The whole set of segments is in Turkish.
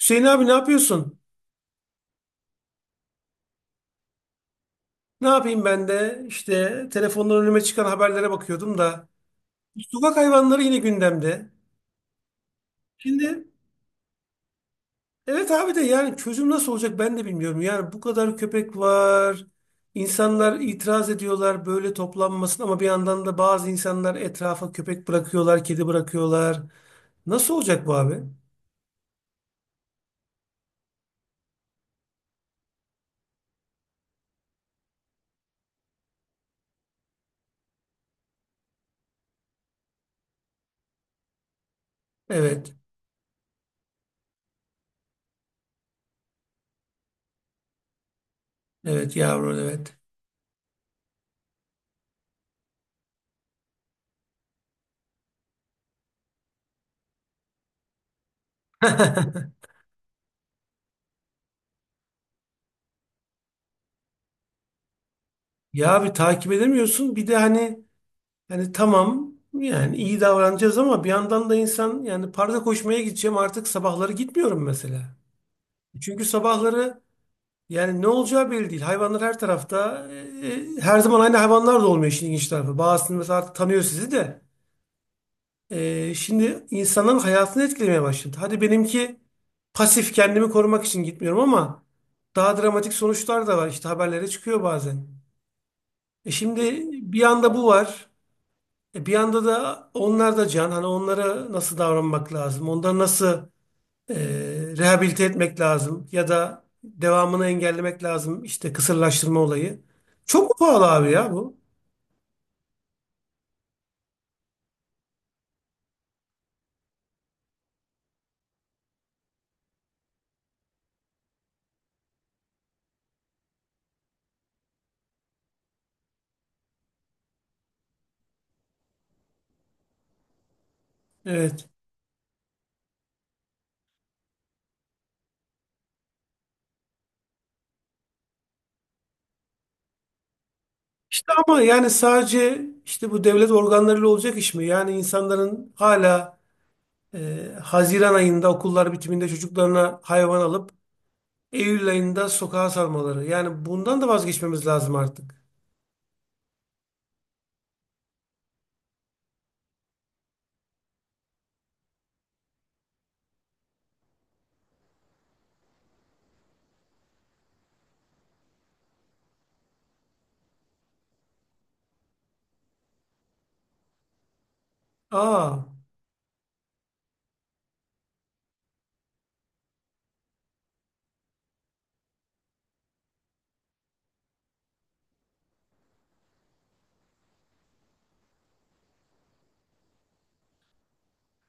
Hüseyin abi ne yapıyorsun? Ne yapayım ben de işte telefondan önüme çıkan haberlere bakıyordum da sokak hayvanları yine gündemde. Şimdi evet abi de yani çözüm nasıl olacak ben de bilmiyorum. Yani bu kadar köpek var. İnsanlar itiraz ediyorlar böyle toplanmasın ama bir yandan da bazı insanlar etrafa köpek bırakıyorlar, kedi bırakıyorlar. Nasıl olacak bu abi? Evet. Evet yavrum evet. Ya bir takip edemiyorsun. Bir de hani yani tamam yani iyi davranacağız ama bir yandan da insan yani parka koşmaya gideceğim artık sabahları gitmiyorum mesela. Çünkü sabahları yani ne olacağı belli değil. Hayvanlar her tarafta. Her zaman aynı hayvanlar da olmuyor işin ilginç tarafı. Bazısını mesela artık tanıyor sizi de. Şimdi insanların hayatını etkilemeye başladı. Hadi benimki pasif kendimi korumak için gitmiyorum ama daha dramatik sonuçlar da var. İşte haberlere çıkıyor bazen. E şimdi bir anda bu var. Bir yanda da onlar da can. Hani onlara nasıl davranmak lazım? Onları nasıl e, rehabilite etmek lazım? Ya da devamını engellemek lazım. İşte kısırlaştırma olayı. Çok mu pahalı abi ya bu. Evet. İşte ama yani sadece işte bu devlet organlarıyla olacak iş mi? Yani insanların hala Haziran ayında okullar bitiminde çocuklarına hayvan alıp Eylül ayında sokağa salmaları. Yani bundan da vazgeçmemiz lazım artık. Aa.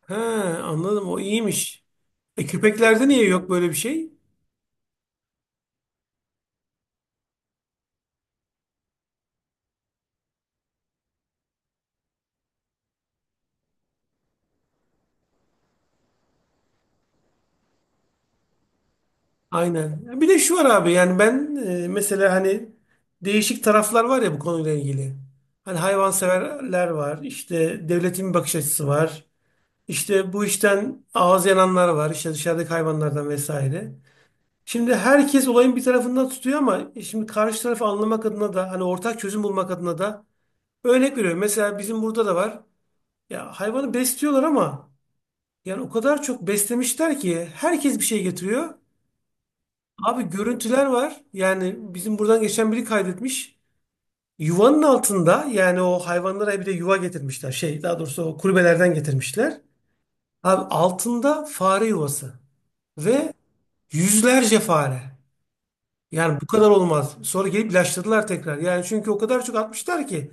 He, anladım o iyiymiş. E, köpeklerde niye yok böyle bir şey? Aynen. Bir de şu var abi yani ben mesela hani değişik taraflar var ya bu konuyla ilgili. Hani hayvanseverler var, işte devletin bir bakış açısı var, işte bu işten ağız yananlar var, işte dışarıdaki hayvanlardan vesaire. Şimdi herkes olayın bir tarafından tutuyor ama şimdi karşı tarafı anlamak adına da hani ortak çözüm bulmak adına da örnek veriyorum. Mesela bizim burada da var. Ya hayvanı besliyorlar ama yani o kadar çok beslemişler ki herkes bir şey getiriyor. Abi görüntüler var. Yani bizim buradan geçen biri kaydetmiş. Yuvanın altında yani o hayvanlara bir de yuva getirmişler. Şey daha doğrusu o kulübelerden getirmişler. Abi altında fare yuvası ve yüzlerce fare. Yani bu kadar olmaz. Sonra gelip ilaçladılar tekrar. Yani çünkü o kadar çok atmışlar ki.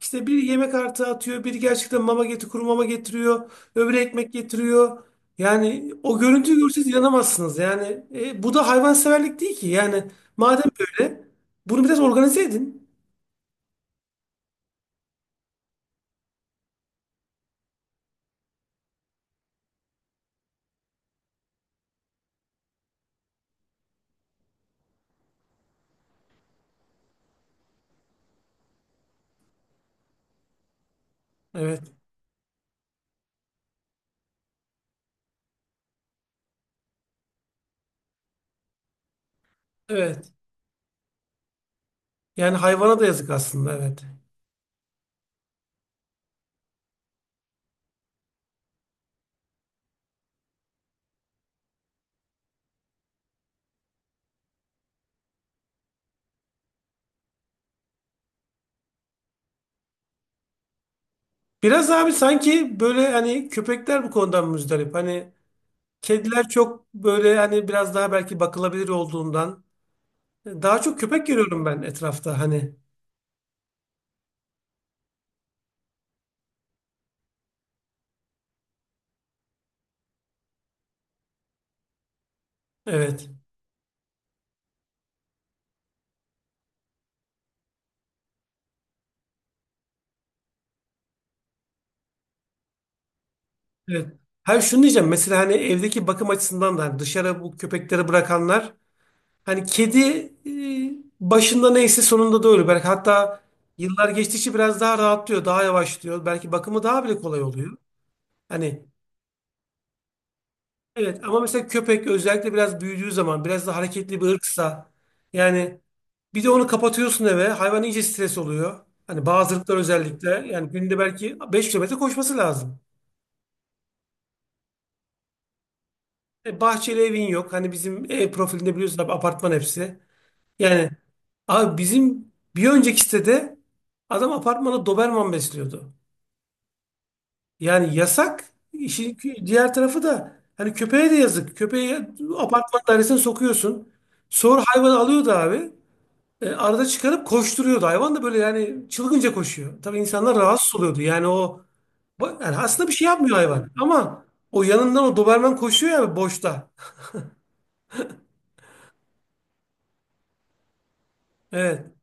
İşte bir yemek artı atıyor, bir gerçekten mama getir, kuru mama getiriyor, öbürü ekmek getiriyor. Yani o görüntüyü görseniz inanamazsınız. Yani bu da hayvanseverlik değil ki. Yani madem böyle, bunu biraz organize edin. Evet, evet. Yani hayvana da yazık aslında, evet. Biraz abi sanki böyle hani köpekler bu konudan müzdarip. Hani kediler çok böyle hani biraz daha belki bakılabilir olduğundan. Daha çok köpek görüyorum ben etrafta hani. Evet. Evet. Hayır şunu diyeceğim. Mesela hani evdeki bakım açısından da hani dışarı bu köpekleri bırakanlar hani kedi e, başında neyse sonunda da öyle. Belki hatta yıllar geçtikçe biraz daha rahatlıyor, daha yavaşlıyor. Belki bakımı daha bile kolay oluyor. Hani evet ama mesela köpek özellikle biraz büyüdüğü zaman biraz da hareketli bir ırksa yani bir de onu kapatıyorsun eve hayvan iyice stres oluyor. Hani bazı ırklar özellikle yani günde belki 5 kilometre koşması lazım. E, bahçeli evin yok. Hani bizim ev profilinde biliyorsun abi apartman hepsi. Yani abi bizim bir önceki sitede adam apartmana Doberman besliyordu. Yani yasak. İşin kü- diğer tarafı da hani köpeğe de yazık. Köpeği apartman dairesine sokuyorsun. Sonra hayvan alıyordu abi. E, arada çıkarıp koşturuyordu. Hayvan da böyle yani çılgınca koşuyor. Tabii insanlar rahatsız oluyordu. Yani o yani aslında bir şey yapmıyor hayvan. Ama o yanından o Doberman koşuyor ya boşta. Evet.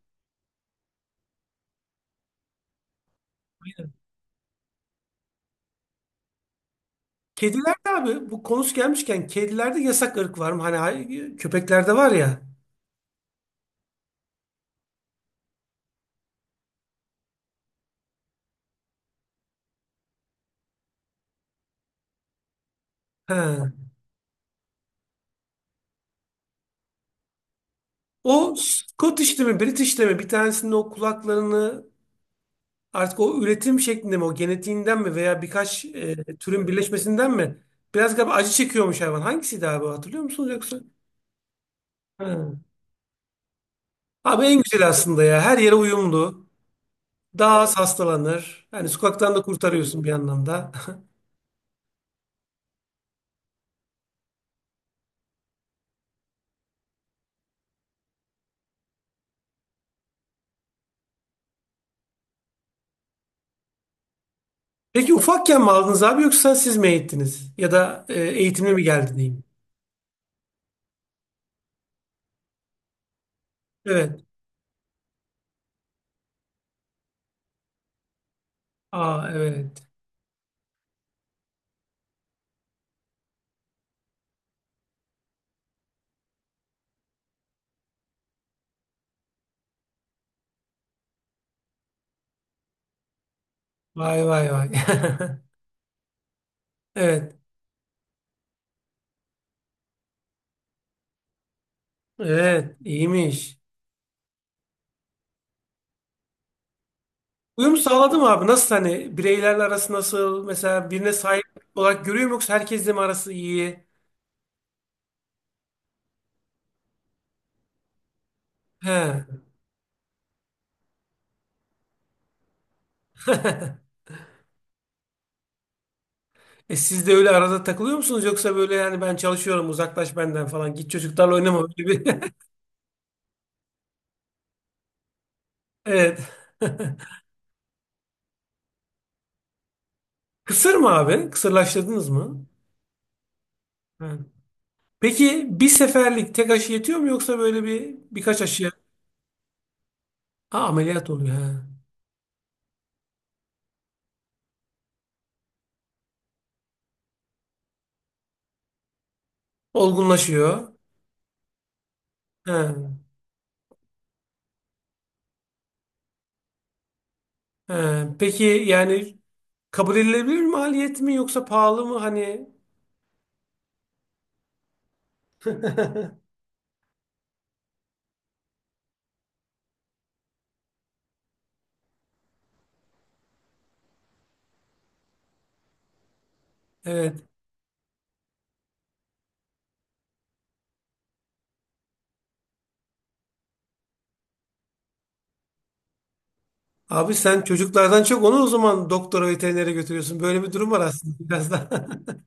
Kedilerde abi bu konusu gelmişken kedilerde yasak ırk var mı? Hani köpeklerde var ya. He. O Scottish'te mi, British'te mi bir tanesinin o kulaklarını artık o üretim şeklinde mi, o genetiğinden mi veya birkaç türün birleşmesinden mi? Biraz galiba acı çekiyormuş hayvan. Hangisiydi abi o, hatırlıyor musunuz yoksa? He. Abi en güzel aslında ya. Her yere uyumlu. Daha az hastalanır. Yani sokaktan da kurtarıyorsun bir anlamda. Peki ufakken mi aldınız abi yoksa siz mi eğittiniz? Ya da eğitimli mi geldi diyeyim? Evet. Aa evet. Vay vay vay. Evet. Evet. iyiymiş. Uyum sağladım abi. Nasıl hani bireylerle arası nasıl? Mesela birine sahip olarak görüyor mu yoksa herkesle mi arası iyi? He. E siz de öyle arada takılıyor musunuz yoksa böyle yani ben çalışıyorum uzaklaş benden falan git çocuklarla oynama öyle bir. Evet. Kısır mı abi? Kısırlaştırdınız mı? He. Peki bir seferlik tek aşı yetiyor mu yoksa böyle bir birkaç aşı? Ha, ameliyat oluyor. Ha Olgunlaşıyor. He. He. Peki yani kabul edilebilir maliyet mi yoksa pahalı mı hani Evet. Abi sen çocuklardan çok onu o zaman doktora veterinere götürüyorsun. Böyle bir durum var aslında biraz da.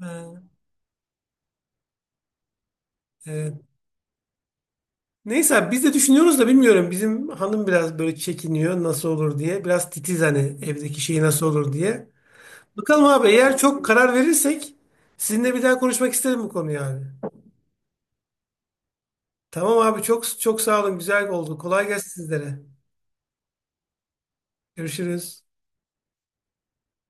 Ha, Evet. Neyse abi biz de düşünüyoruz da bilmiyorum. Bizim hanım biraz böyle çekiniyor nasıl olur diye. Biraz titiz hani evdeki şey nasıl olur diye. Bakalım abi eğer çok karar verirsek sizinle bir daha konuşmak isterim bu konuyu abi. Tamam abi çok çok sağ olun. Güzel oldu. Kolay gelsin sizlere. Görüşürüz.